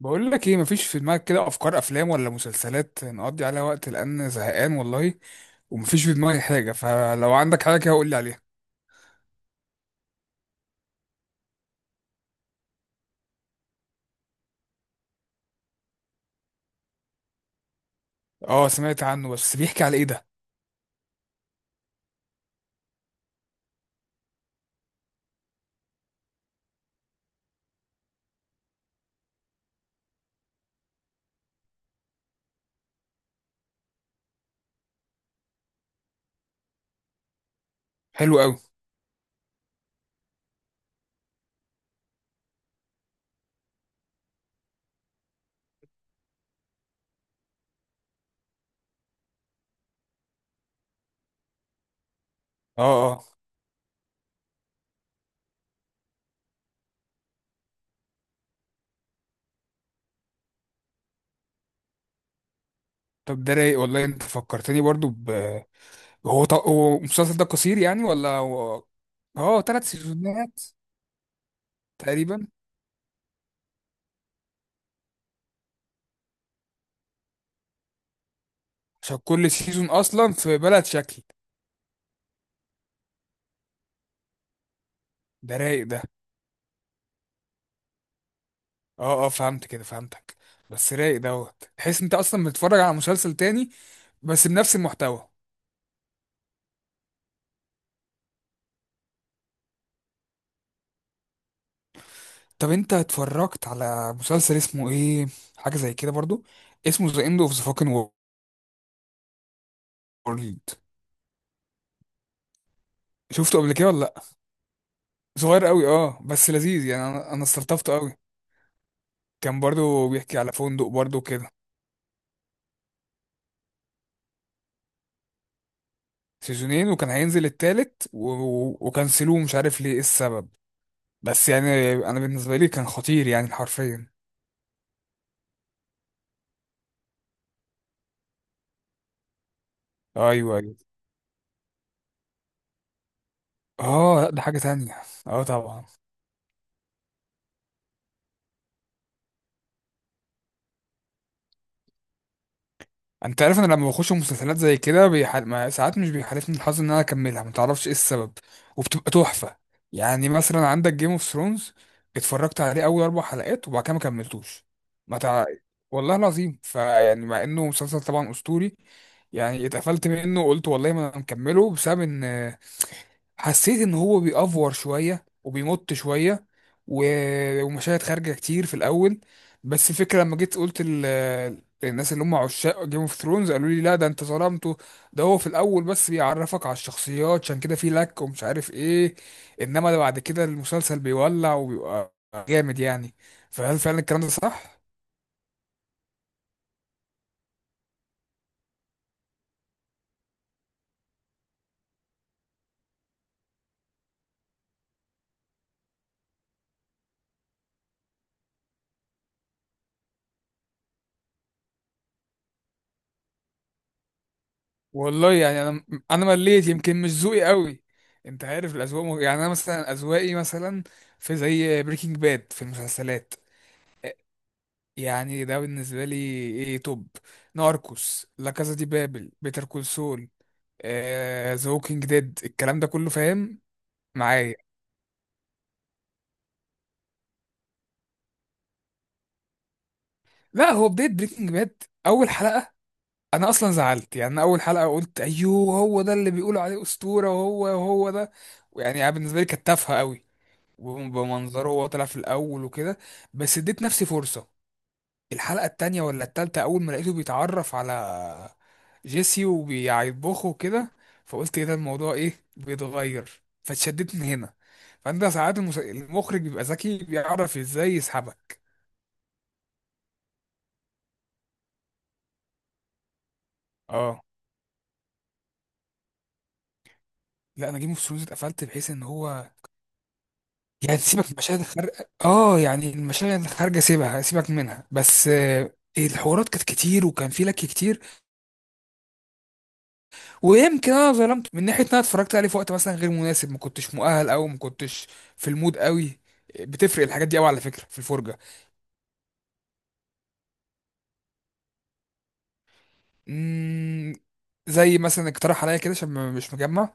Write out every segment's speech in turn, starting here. بقول لك ايه، مفيش في دماغك كده افكار افلام ولا مسلسلات نقضي عليها وقت لان زهقان والله. ومفيش في دماغي حاجه، فلو عندك حاجه كده قول لي عليها. اه، سمعت عنه بس بيحكي على ايه ده؟ حلو قوي. اه، اه. طب ده رايق والله. انت فكرتني برضو ب... هو المسلسل ده قصير يعني ولا هو؟ اه، 3 سيزونات تقريبا. عشان كل سيزون اصلا في بلد شكل. ده رايق ده. اه، اه، فهمت كده، فهمتك. بس رايق دوت، تحس انت اصلا بتتفرج على مسلسل تاني بس بنفس المحتوى. طب انت اتفرجت على مسلسل اسمه ايه، حاجه زي كده برضو، اسمه ذا اند اوف ذا فاكن وورلد؟ شفته قبل كده ولا لا؟ صغير قوي، اه، بس لذيذ يعني. انا استلطفته قوي. كان برضو بيحكي على فندق برضو كده. سيزونين، وكان هينزل التالت و... و- وكنسلوه، مش عارف ليه ايه السبب. بس يعني، انا بالنسبه لي كان خطير يعني حرفيا. ايوه، ايوه. اه، لا ده حاجه تانية. اه، طبعا. انت عارف انا لما بخش مسلسلات زي كده بيحل... ما- ساعات مش بيحالفني الحظ ان انا اكملها، ما تعرفش ايه السبب. وبتبقى تحفه. يعني مثلا عندك جيم اوف ثرونز، اتفرجت عليه اول 4 حلقات وبعد كده ما كملتوش. ما تع... والله العظيم. فيعني مع انه مسلسل طبعا اسطوري، يعني اتقفلت منه وقلت والله ما انا مكمله، بسبب ان حسيت ان هو بيأفور شويه وبيمط شويه و... ومشاهد خارجه كتير في الاول. بس الفكره لما جيت قلت الناس اللي هم عشاق جيم اوف ثرونز قالوا لي لا ده انت ظلمته. ده هو في الاول بس بيعرفك على الشخصيات عشان كده في لك ومش عارف ايه. انما ده بعد كده المسلسل بيولع وبيبقى جامد يعني. فهل فعلا الكلام ده صح؟ والله يعني انا مليت، يمكن مش ذوقي قوي. انت عارف الاذواق يعني انا مثلا، اذواقي مثلا، في زي بريكنج باد في المسلسلات. يعني ده بالنسبه لي ايه، توب. ناركوس، لا كازا دي بابل، بيتر كول سول، ذا ووكينج ديد، الكلام ده كله، فاهم معايا؟ لا، هو بدايه بريكنج باد اول حلقه. انا اصلا زعلت يعني. أنا اول حلقه قلت ايوه، هو ده اللي بيقولوا عليه اسطوره؟ وهو ده. يعني بالنسبه لي كانت تافهه قوي، وبمنظره وهو طلع في الاول وكده. بس اديت نفسي فرصه. الحلقه التانية ولا التالتة، اول ما لقيته بيتعرف على جيسي وبيطبخه وكده، فقلت ايه ده، الموضوع ايه بيتغير، فاتشددت من هنا. فانت ساعات المخرج بيبقى ذكي، بيعرف ازاي يسحبك. اه، لا، انا جيم اوف ثرونز اتقفلت بحيث ان هو، يعني سيبك من المشاهد الخارجه، اه يعني المشاهد الخارجه سيبها، سيبك منها، بس الحوارات كانت كتير وكان في لك كتير. ويمكن انا ظلمت من ناحيه ان انا اتفرجت عليه في وقت مثلا غير مناسب، ما كنتش مؤهل او ما كنتش في المود قوي. بتفرق الحاجات دي قوي على فكره في الفرجه. امم زي مثلا اقترح عليا كده عشان مش مجمع.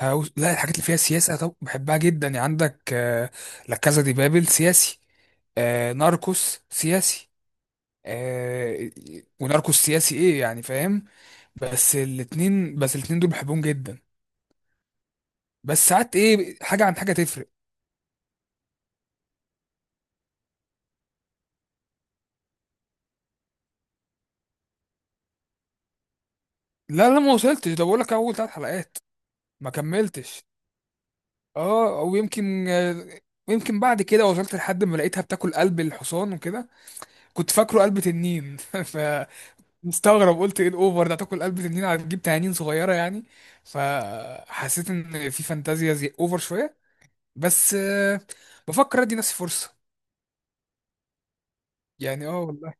هاوس، لا، الحاجات اللي فيها سياسه طب بحبها جدا يعني. عندك لا كازا دي بابل سياسي، ناركوس سياسي، آه، وناركوس سياسي ايه يعني، فاهم. بس الاتنين دول بحبهم جدا. بس ساعات ايه، حاجه عن حاجه تفرق. لا، لا، ما وصلتش، ده بقول لك اول 3 حلقات. ما كملتش. اه، او يمكن، يمكن بعد كده وصلت لحد ما لقيتها بتاكل قلب الحصان وكده. كنت فاكره قلب تنين. فمستغرب قلت ايه الاوفر ده، تاكل قلب تنين هتجيب تنانين صغيره يعني؟ فحسيت ان في فانتازيا زي اوفر شويه. بس بفكر ادي نفسي فرصه. يعني، اه والله.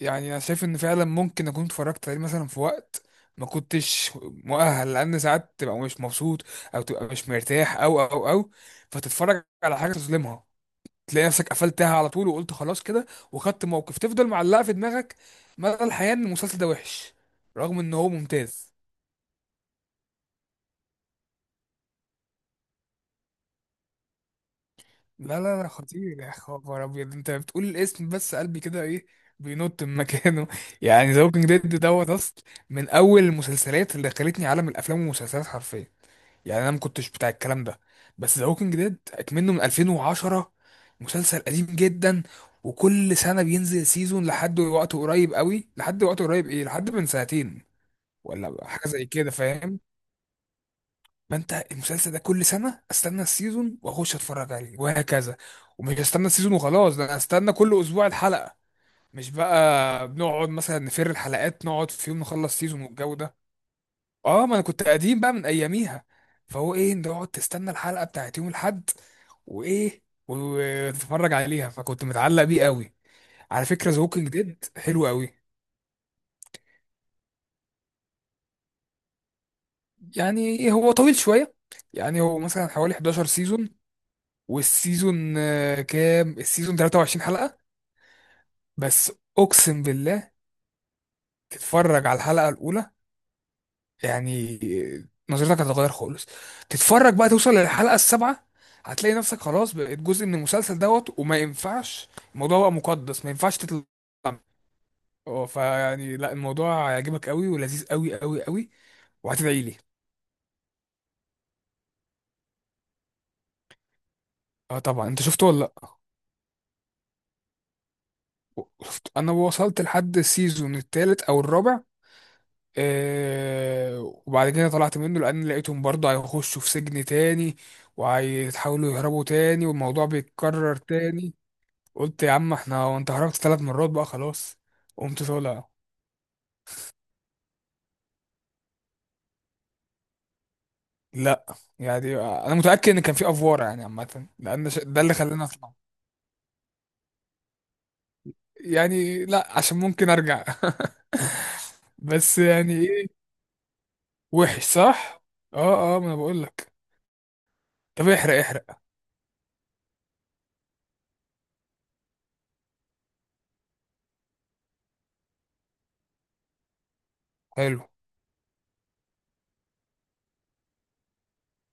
يعني انا شايف ان فعلا ممكن اكون اتفرجت عليه مثلا في وقت ما كنتش مؤهل، لان ساعات تبقى مش مبسوط او تبقى مش مرتاح، او فتتفرج على حاجه تظلمها. تلاقي نفسك قفلتها على طول وقلت خلاص كده، وخدت موقف تفضل معلقه في دماغك مدى الحياه ان المسلسل ده وحش، رغم ان هو ممتاز. لا، لا، لا، خطير، يا خبر ابيض، انت بتقول الاسم بس قلبي كده ايه، بينط من مكانه. يعني ذا ووكينج ديد دوت اصل، من اول المسلسلات اللي دخلتني عالم الافلام والمسلسلات حرفيا. يعني انا ما كنتش بتاع الكلام ده، بس ذا ووكينج ديد اكمنه من 2010، مسلسل قديم جدا. وكل سنه بينزل سيزون لحد وقت قريب قوي، لحد وقت قريب ايه، لحد من سنتين، ولا حاجه زي كده، فاهم. فانت المسلسل ده كل سنه استنى السيزون واخش اتفرج عليه وهكذا. ومش استنى السيزون وخلاص، ده انا استنى كل اسبوع الحلقه. مش بقى بنقعد مثلا نفر الحلقات، نقعد في يوم نخلص سيزون والجو ده. اه، ما انا كنت قديم بقى من اياميها. فهو ايه، نقعد تستنى الحلقه بتاعت يوم الاحد وايه وتتفرج عليها. فكنت متعلق بيه قوي. على فكره، ذا ووكينج ديد حلو قوي. يعني هو طويل شويه. يعني هو مثلا حوالي 11 سيزون. والسيزون كام، السيزون 23 حلقه. بس اقسم بالله، تتفرج على الحلقه الاولى، يعني نظرتك هتتغير خالص. تتفرج بقى، توصل للحلقة السابعة، هتلاقي نفسك خلاص بقيت جزء من المسلسل دوت، وما ينفعش الموضوع بقى مقدس، ما ينفعش تطلع منه. اه، فيعني لا الموضوع هيعجبك قوي، ولذيذ قوي قوي قوي. وهتدعي لي. اه، طبعا. انت شفته ولا لا؟ شفت، انا وصلت لحد السيزون الثالث او الرابع، آه وبعد كده طلعت منه لان لقيتهم برضه هيخشوا في سجن تاني، وهيتحاولوا يهربوا تاني والموضوع بيتكرر تاني. قلت يا عم احنا، وانت خرجت 3 مرات بقى خلاص، قمت طالع. لا، يعني انا متاكد ان كان في افوار يعني عامه، لان ده اللي خلاني اطلع. يعني لا، عشان ممكن ارجع. بس يعني ايه. وحش، صح؟ اه، اه، ما انا بقول لك. طب احرق، احرق. حلو،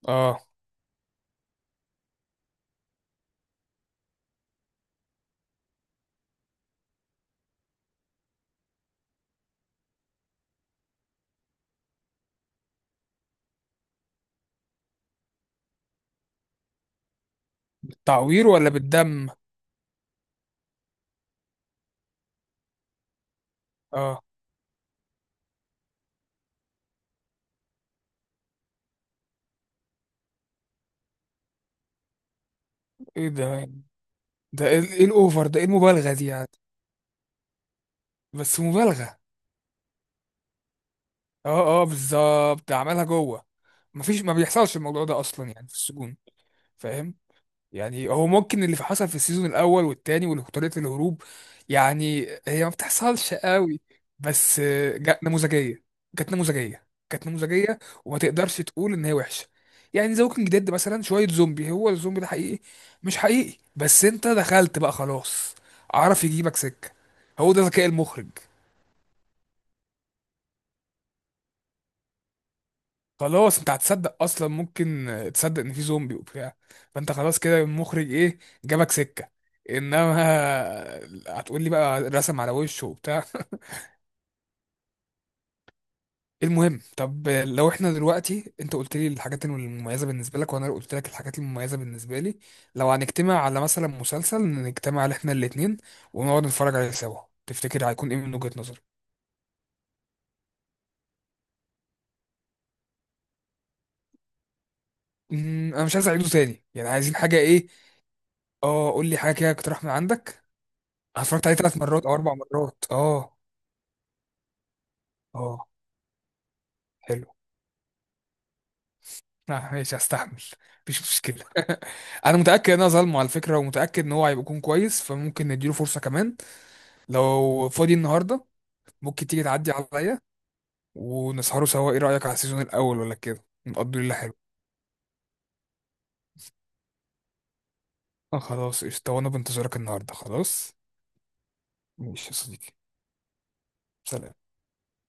اه. تعوير ولا بالدم؟ اه، ايه ده؟ ده ايه، ايه الاوفر ده، ايه المبالغه دي يعني؟ بس مبالغه. اه، اه، بالظبط ده عملها جوه. مفيش، ما بيحصلش الموضوع ده اصلا يعني في السجون. فاهم. يعني هو ممكن اللي حصل في السيزون الاول والتاني وطريقه الهروب، يعني هي ما بتحصلش قوي. بس نموذجيه، كانت نموذجيه، كانت نموذجيه. وما تقدرش تقول ان هي وحشه. يعني ذا ووكينج ديد مثلا شويه زومبي، هو الزومبي ده حقيقي مش حقيقي، بس انت دخلت بقى خلاص، عرف يجيبك سكه، هو ده ذكاء المخرج. خلاص انت هتصدق اصلا، ممكن تصدق ان في زومبي وبتاع. فانت خلاص كده المخرج ايه، جابك سكة. انما هتقول لي بقى رسم على وشه وبتاع؟ المهم، طب لو احنا دلوقتي، انت قلت لي الحاجات المميزة بالنسبة لك وانا قلت لك الحاجات المميزة بالنسبة لي، لو هنجتمع على مثلا مسلسل نجتمع على احنا الاتنين، ونقعد نتفرج عليه سوا، تفتكر هيكون ايه من وجهة نظرك؟ انا مش عايز اعيده تاني يعني، عايزين حاجة ايه. اه، قول لي حاجة كده، اقترح من عندك. اتفرجت عليه 3 مرات او 4 مرات، اه. اه، حلو. لا، ماشي، هستحمل، مفيش مشكله. انا متاكد ان انا ظلمه على فكره، ومتاكد ان هو هيبقى يكون كويس، فممكن نديله فرصه كمان. لو فاضي النهارده ممكن تيجي تعدي عليا ونسهروا سوا. ايه رايك، على السيزون الاول ولا كده، نقضي ليله حلوه. خلاص قشطه، وانا بنتظرك النهارده. خلاص. ماشي يا صديقي. سلام.